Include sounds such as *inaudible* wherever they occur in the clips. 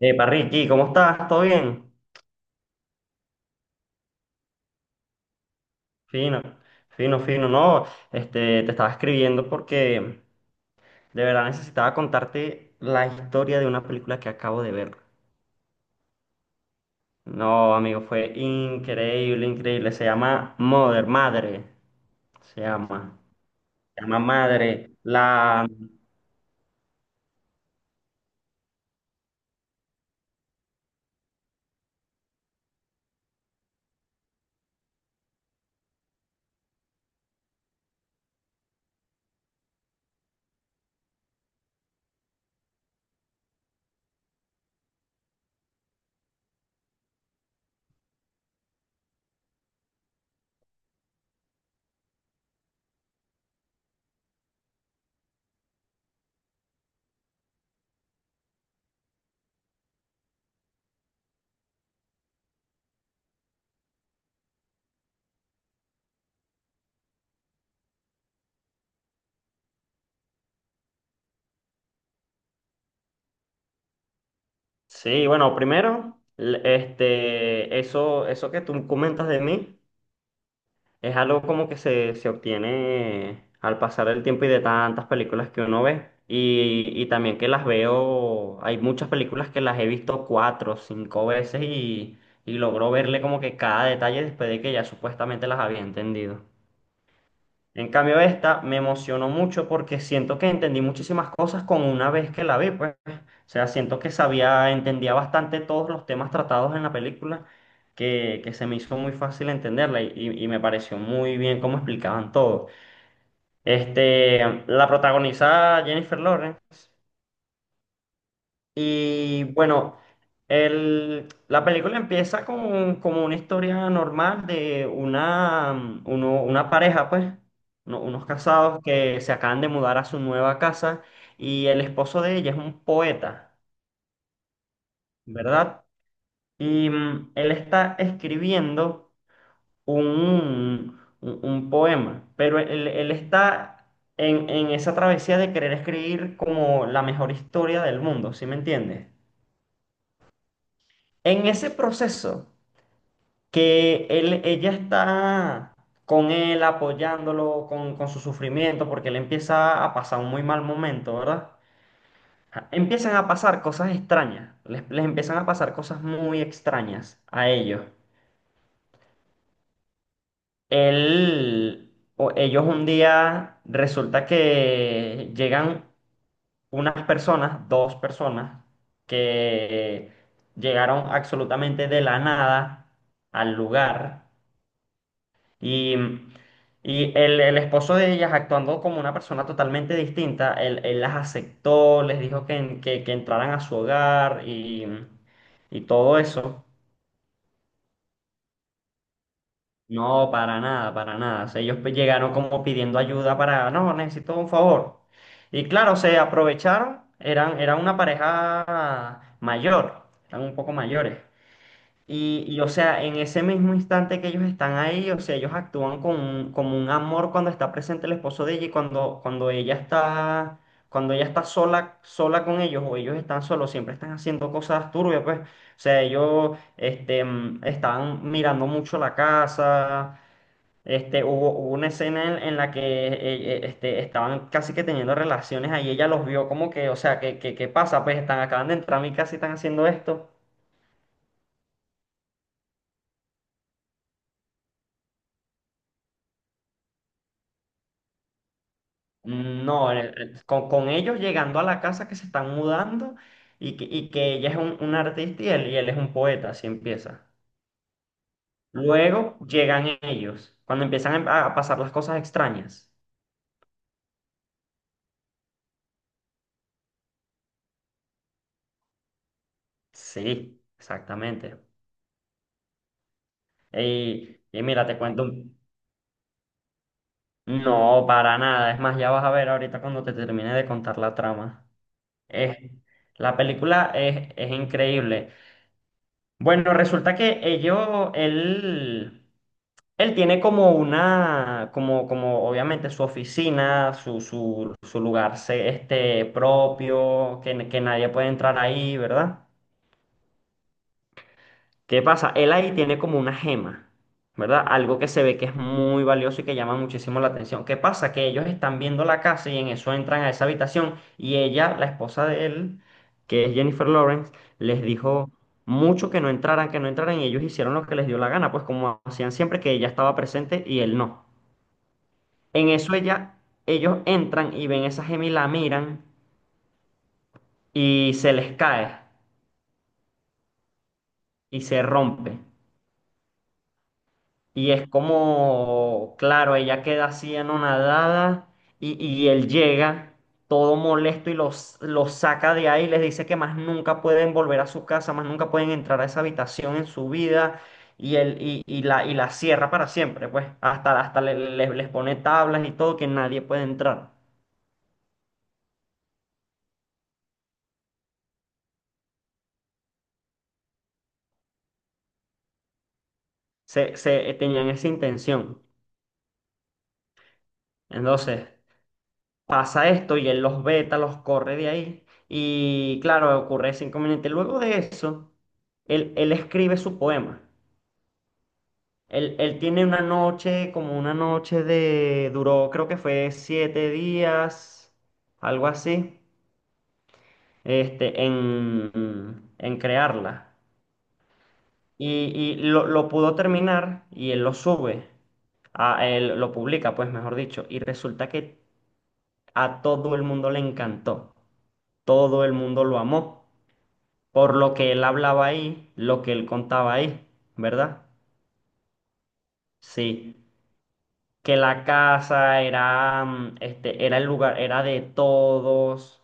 Epa, Ricky, ¿cómo estás? ¿Todo bien? Fino, fino, fino. No, te estaba escribiendo porque de verdad necesitaba contarte la historia de una película que acabo de ver. No, amigo, fue increíble, increíble. Se llama Mother, Madre. Se llama, se llama Madre. Sí, bueno, primero, eso que tú comentas de mí. Es algo como que se obtiene al pasar el tiempo y de tantas películas que uno ve. Y también que las veo, hay muchas películas que las he visto cuatro, cinco veces y logro verle como que cada detalle después de que ya supuestamente las había entendido. En cambio, esta me emocionó mucho porque siento que entendí muchísimas cosas con una vez que la vi, pues. O sea, siento que sabía, entendía bastante todos los temas tratados en la película, que se me hizo muy fácil entenderla y, y me pareció muy bien cómo explicaban todo. Este, la protagoniza Jennifer Lawrence. Y bueno, la película empieza con, como una historia normal de una, una pareja, pues, unos casados que se acaban de mudar a su nueva casa y el esposo de ella es un poeta, ¿verdad? Y él está escribiendo un, un poema, pero él está en esa travesía de querer escribir como la mejor historia del mundo, ¿sí me entiendes? En ese proceso que ella está con él apoyándolo con su sufrimiento, porque él empieza a pasar un muy mal momento, ¿verdad? Ja, empiezan a pasar cosas extrañas, les empiezan a pasar cosas muy extrañas a ellos. Él, o ellos un día resulta que llegan unas personas, dos personas, que llegaron absolutamente de la nada al lugar. Y, y el esposo de ellas, actuando como una persona totalmente distinta, él las aceptó, les dijo que, que entraran a su hogar y todo eso. No, para nada, para nada. O sea, llegaron como pidiendo ayuda para, no, necesito un favor. Y claro, se aprovecharon, eran, eran una pareja mayor, eran un poco mayores. Y, o sea, en ese mismo instante que ellos están ahí, o sea, ellos actúan con, como un amor cuando está presente el esposo de ella y cuando, cuando ella está sola, sola con ellos o ellos están solos, siempre están haciendo cosas turbias, pues. O sea, ellos estaban mirando mucho la casa. Este, hubo, hubo una escena en la que estaban casi que teniendo relaciones ahí, ella los vio como que, o sea, ¿qué, qué, qué pasa? Pues están, acaban de entrar a mi casa y están haciendo esto. No, con ellos llegando a la casa que se están mudando y y que ella es un artista y él es un poeta, así empieza. Luego llegan ellos, cuando empiezan a pasar las cosas extrañas. Sí, exactamente. Y mira, te cuento un... No, para nada. Es más, ya vas a ver ahorita cuando te termine de contar la trama. Es, la película es increíble. Bueno, resulta que ellos, él... Él tiene como una, como, como obviamente su oficina, su lugar propio, que nadie puede entrar ahí, ¿verdad? ¿Qué pasa? Él ahí tiene como una gema, ¿verdad? Algo que se ve que es muy valioso y que llama muchísimo la atención. ¿Qué pasa? Que ellos están viendo la casa y en eso entran a esa habitación y ella, la esposa de él, que es Jennifer Lawrence, les dijo mucho que no entraran y ellos hicieron lo que les dio la gana, pues como hacían siempre que ella estaba presente y él no. En eso ella, ellos entran y ven esa gema y la miran y se les cae y se rompe. Y es como, claro, ella queda así anonadada y él llega todo molesto y los saca de ahí, les dice que más nunca pueden volver a su casa, más nunca pueden entrar a esa habitación en su vida y, él, y la cierra para siempre, pues hasta, hasta les pone tablas y todo que nadie puede entrar. Tenían esa intención. Entonces... pasa esto y él los veta, los corre de ahí. Y claro, ocurre ese inconveniente. Luego de eso, él escribe su poema. Él tiene una noche, como una noche de, duró, creo que fue siete días, algo así, en crearla. Y, lo pudo terminar y él lo sube, a, él lo publica, pues mejor dicho. Y resulta que a todo el mundo le encantó, todo el mundo lo amó. Por lo que él hablaba ahí, lo que él contaba ahí, ¿verdad? Sí, que la casa era, era el lugar, era de todos,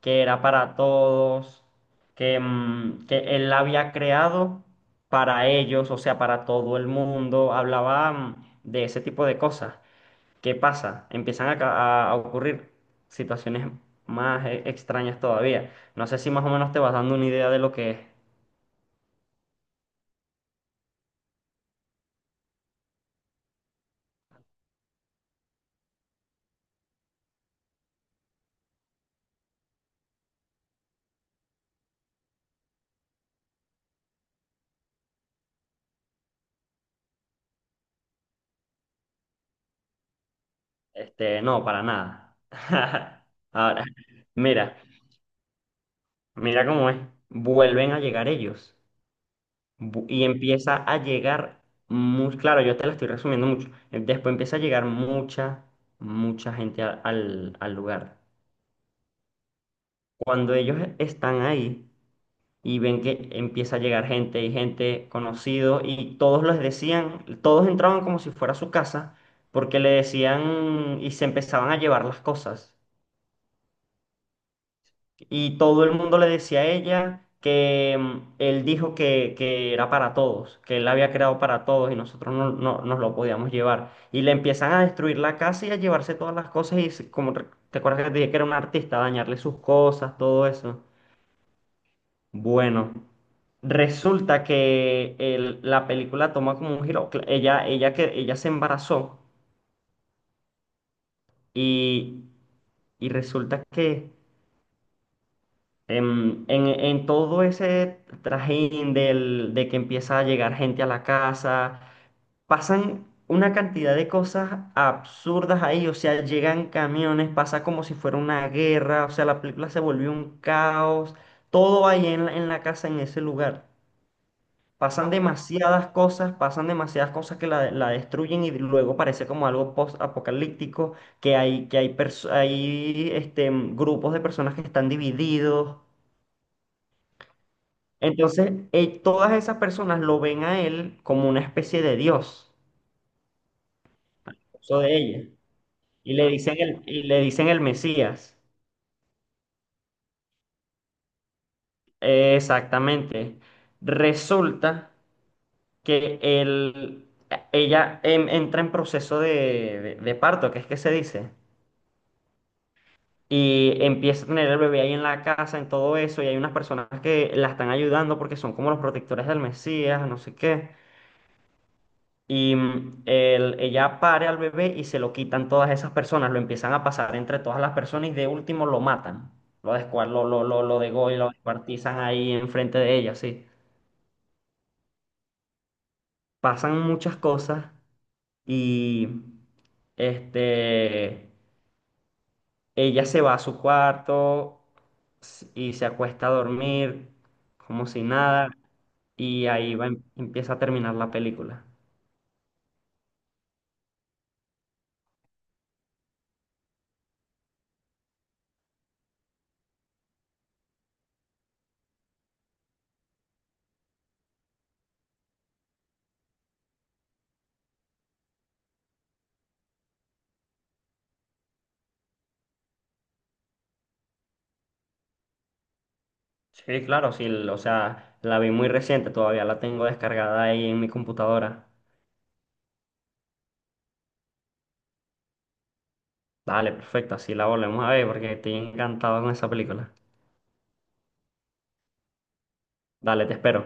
que era para todos, que, que él la había creado para ellos, o sea, para todo el mundo, hablaba, de ese tipo de cosas. ¿Qué pasa? Empiezan a, a ocurrir situaciones más extrañas todavía. No sé si más o menos te vas dando una idea de lo que es. Este, no, para nada. *laughs* Ahora, mira, mira cómo es. Vuelven a llegar ellos. Y empieza a llegar muy, claro, yo te la estoy resumiendo mucho. Después empieza a llegar mucha, mucha gente al lugar. Cuando ellos están ahí y ven que empieza a llegar gente y gente conocido y todos les decían, todos entraban como si fuera su casa porque le decían y se empezaban a llevar las cosas. Y todo el mundo le decía a ella que él dijo que era para todos, que él la había creado para todos y nosotros no, nos lo podíamos llevar. Y le empiezan a destruir la casa y a llevarse todas las cosas te acuerdas que te dije que era un artista, dañarle sus cosas, todo eso. Bueno. Resulta que la película toma como un giro. Ella se embarazó y, y resulta que en todo ese trajín del, de que empieza a llegar gente a la casa, pasan una cantidad de cosas absurdas ahí, o sea, llegan camiones, pasa como si fuera una guerra, o sea, la película se volvió un caos, todo ahí en la casa, en ese lugar. Pasan wow, demasiadas cosas, pasan demasiadas cosas que la destruyen y luego parece como algo post-apocalíptico, que hay, que hay grupos de personas que están divididos. Entonces, todas esas personas lo ven a él como una especie de Dios, eso de ella, y le dicen el Mesías. Exactamente. Resulta que él, ella entra en proceso de, de parto, que es que se dice, y empieza a tener el bebé ahí en la casa, en todo eso, y hay unas personas que la están ayudando porque son como los protectores del Mesías, no sé qué. Y ella pare al bebé y se lo quitan todas esas personas, lo empiezan a pasar entre todas las personas y de último lo matan. Lo descuar, lo degollan, lo descuartizan ahí enfrente de ella, sí. Pasan muchas cosas y este, ella se va a su cuarto y se acuesta a dormir como si nada y ahí va, empieza a terminar la película. Sí, claro, sí, o sea, la vi muy reciente, todavía la tengo descargada ahí en mi computadora. Dale, perfecto, así la volvemos a ver porque estoy encantado con esa película. Dale, te espero.